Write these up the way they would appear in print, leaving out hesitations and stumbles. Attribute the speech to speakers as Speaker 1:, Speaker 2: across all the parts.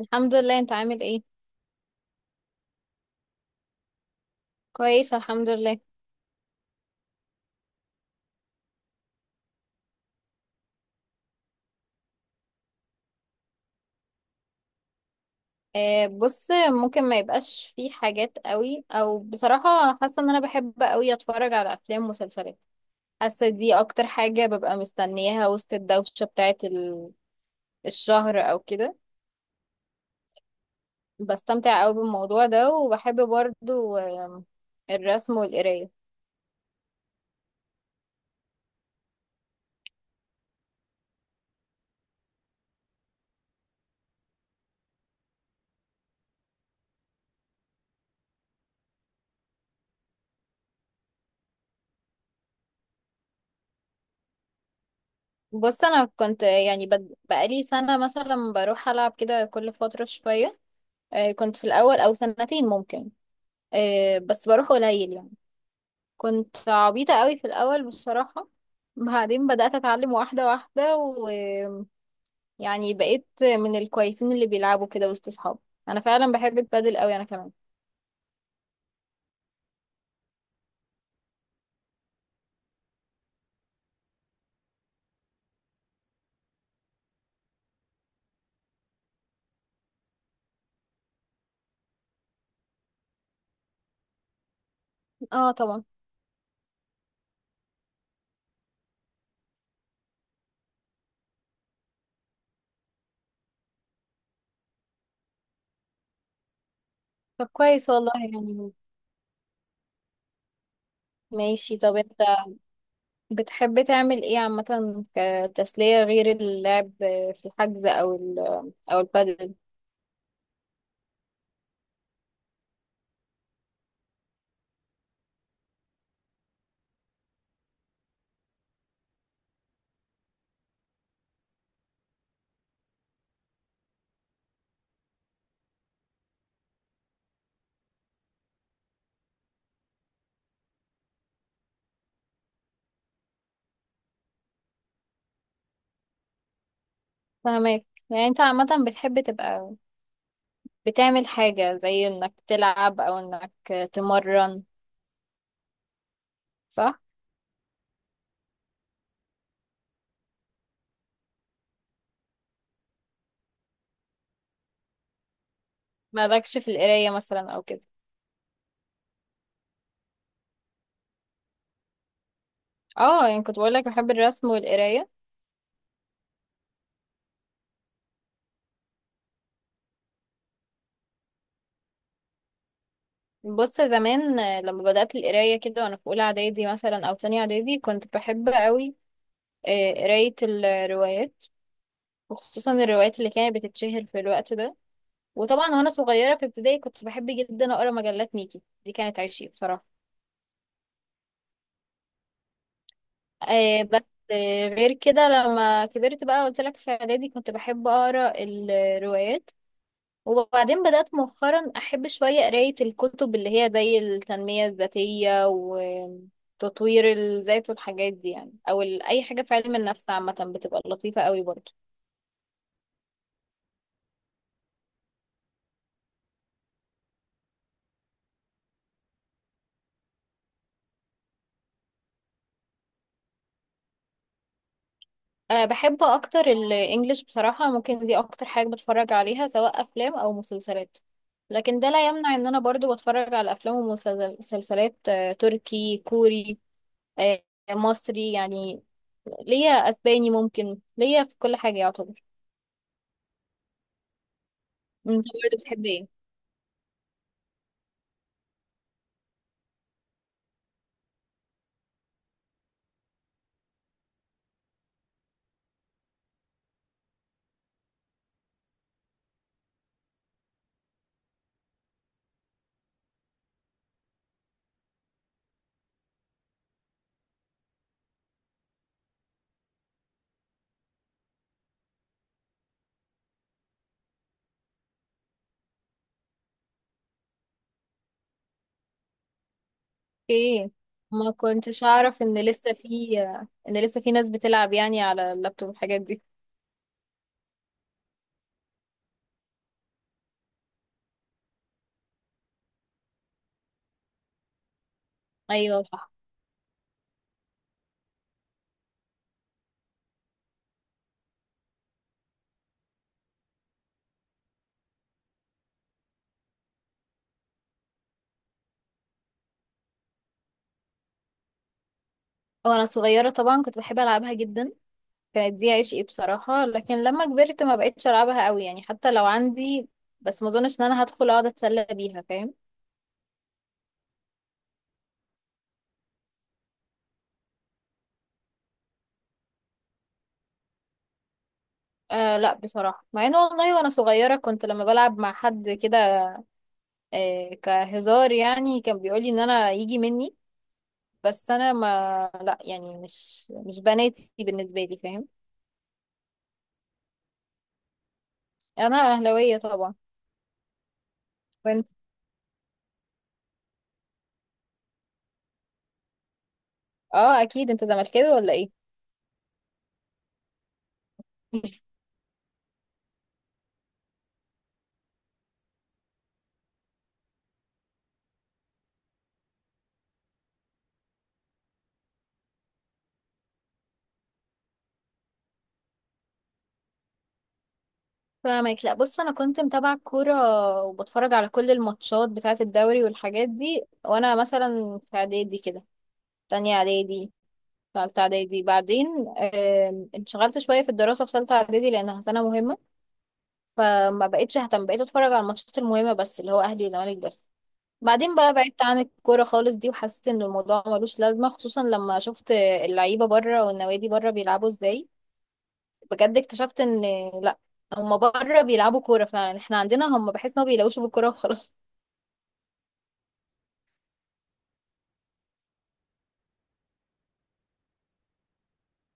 Speaker 1: الحمد لله. انت عامل ايه؟ كويس الحمد لله. آه بص، ممكن ما يبقاش في حاجات قوي او بصراحة حاسة ان انا بحب قوي اتفرج على افلام ومسلسلات. حاسة دي اكتر حاجة ببقى مستنياها وسط الدوشة بتاعة الشهر او كده. بستمتع قوي بالموضوع ده وبحب برضو الرسم والقراية. بص انا كنت بقالي سنة مثلا بروح العب كده كل فترة شوية. آه كنت في الاول او سنتين ممكن. بس بروح قليل يعني. كنت عبيطة قوي في الأول بصراحة. بعدين بدأت أتعلم واحدة واحدة ويعني بقيت من الكويسين اللي بيلعبوا كده وسط صحابي. أنا فعلا بحب البادل قوي أنا كمان. اه طبعا. طب كويس والله يعني. ماشي، طب أنت بتحب تعمل ايه عامة؟ كتسلية غير اللعب في الحجز أو أو البادل؟ فهمك، يعني أنت عامة بتحب تبقى بتعمل حاجة زي إنك تلعب أو إنك تمرن، صح؟ مالكش في القراية مثلا أو كده؟ اه يعني كنت بقول لك بحب الرسم والقرايه. بص زمان لما بدات القرايه كده وانا في اولى اعدادي مثلا او تانية اعدادي كنت بحب قوي قرايه الروايات، وخصوصا الروايات اللي كانت بتتشهر في الوقت ده. وطبعا وانا صغيره في ابتدائي كنت بحب جدا اقرا مجلات ميكي، دي كانت عشقي بصراحه. آه، بس آه، غير كده لما كبرت بقى قلت لك في اعدادي كنت بحب اقرا الروايات. وبعدين بدأت مؤخرا أحب شوية قراية الكتب اللي هي زي التنمية الذاتية وتطوير الذات والحاجات دي، يعني أو أي حاجة في علم النفس عامة بتبقى لطيفة قوي برضه. أه بحب أكتر الإنجليش بصراحة، ممكن دي أكتر حاجة بتفرج عليها سواء أفلام أو مسلسلات. لكن ده لا يمنع إن أنا برضه بتفرج على أفلام ومسلسلات تركي، كوري، آه، مصري يعني. ليا أسباني، ممكن ليا في كل حاجة يعتبر. انت برضه بتحب ايه؟ اوكي، ما كنتش اعرف ان لسه في ان لسه في ناس بتلعب يعني على اللابتوب والحاجات دي. ايوه صح. وانا صغيره طبعا كنت بحب العبها جدا، كانت دي عشقي بصراحه. لكن لما كبرت ما بقتش العبها قوي يعني حتى لو عندي. بس ما اظنش ان انا هدخل اقعد اتسلى بيها، فاهم؟ آه لا بصراحه، مع ان والله وانا صغيره كنت لما بلعب مع حد كده آه كهزار يعني كان بيقولي ان انا يجي مني، بس انا ما لا يعني مش بناتي بالنسبه لي، فاهم؟ انا اهلاويه طبعا. وانت؟ اه اكيد. انت زملكاوي ولا ايه؟ فاهمك. لا بص، انا كنت متابعه الكوره وبتفرج على كل الماتشات بتاعه الدوري والحاجات دي وانا مثلا في اعدادي كده، تانية اعدادي، تالتة اعدادي. بعدين انشغلت شويه في الدراسه في تالتة اعدادي لانها سنه مهمه، فما بقتش اهتم. بقيت اتفرج على الماتشات المهمه بس اللي هو اهلي وزمالك بس. بعدين بقى بعدت عن الكوره خالص دي، وحسيت ان الموضوع ملوش لازمه، خصوصا لما شفت اللعيبه بره والنوادي بره بيلعبوا ازاي. بجد اكتشفت ان لا، هما بره بيلعبوا كورة فعلا، احنا عندنا هما بحس ان هما بيلعبوش بالكورة وخلاص.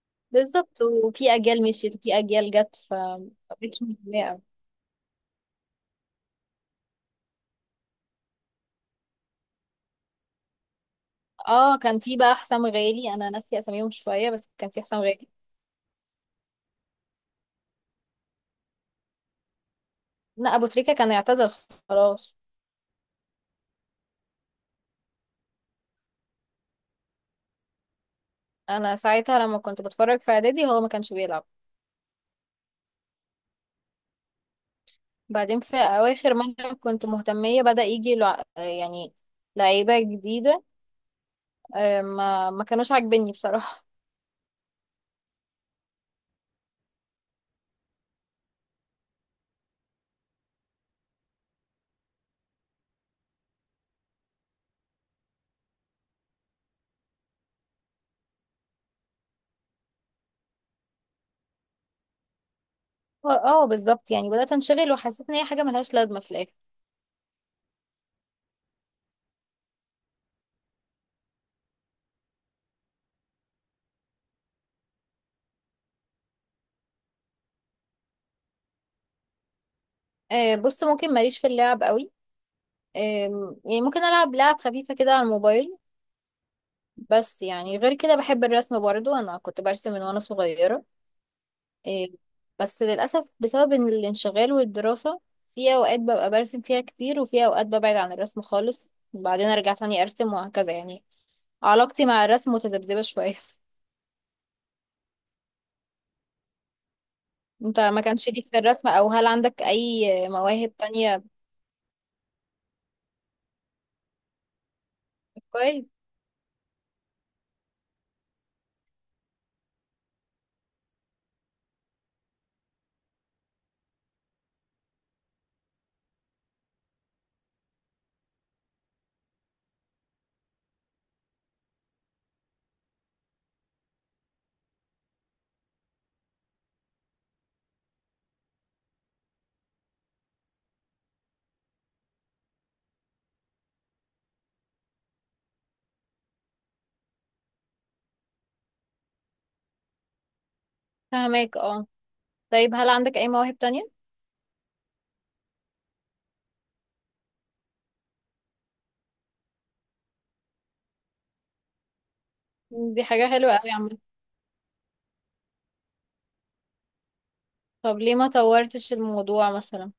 Speaker 1: بالظبط، وفي اجيال مشيت وفي اجيال جت ف مبقتش متضايقة أوي. اه كان في بقى حسام غالي، انا ناسيه اساميهم شوية بس كان في حسام غالي. لا ابو تريكة كان يعتزل خلاص. انا ساعتها لما كنت بتفرج في اعدادي هو ما كانش بيلعب. بعدين في اواخر ما أنا كنت مهتمية بدأ يجي لعيبة جديدة. ما كانوش عاجبني بصراحة. اه بالظبط، يعني بدأت انشغل وحسيت ان هي حاجة ملهاش لازمة في الآخر. آه بص، ممكن ماليش في اللعب قوي. يعني ممكن ألعب لعب خفيفة كده على الموبايل. بس يعني غير كده بحب الرسم برضو، أنا كنت برسم من وأنا صغيرة. آه بس للأسف بسبب إن الانشغال والدراسة في أوقات ببقى برسم فيها كتير، وفي أوقات ببعد عن الرسم خالص وبعدين أرجع تاني أرسم وهكذا يعني. علاقتي مع الرسم متذبذبة شوية. انت ما كانش ليك في الرسم، او هل عندك اي مواهب تانية بتقال؟ فهماك اه. طيب هل عندك أي مواهب تانية؟ دي حاجة حلوة أوي عامة. طب ليه ما طورتش الموضوع مثلا؟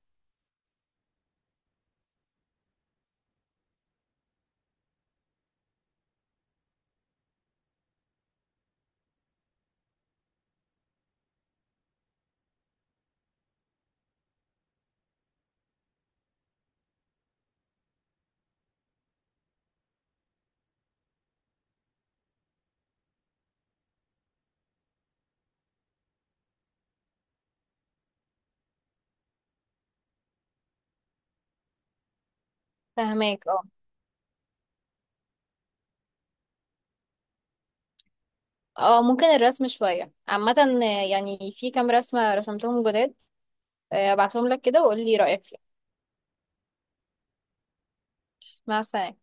Speaker 1: فهماك اه. اه ممكن الرسم شوية عامة. يعني في كام رسمة رسمتهم جداد، ابعتهم لك كده وقولي رأيك فيهم. مع السلامة.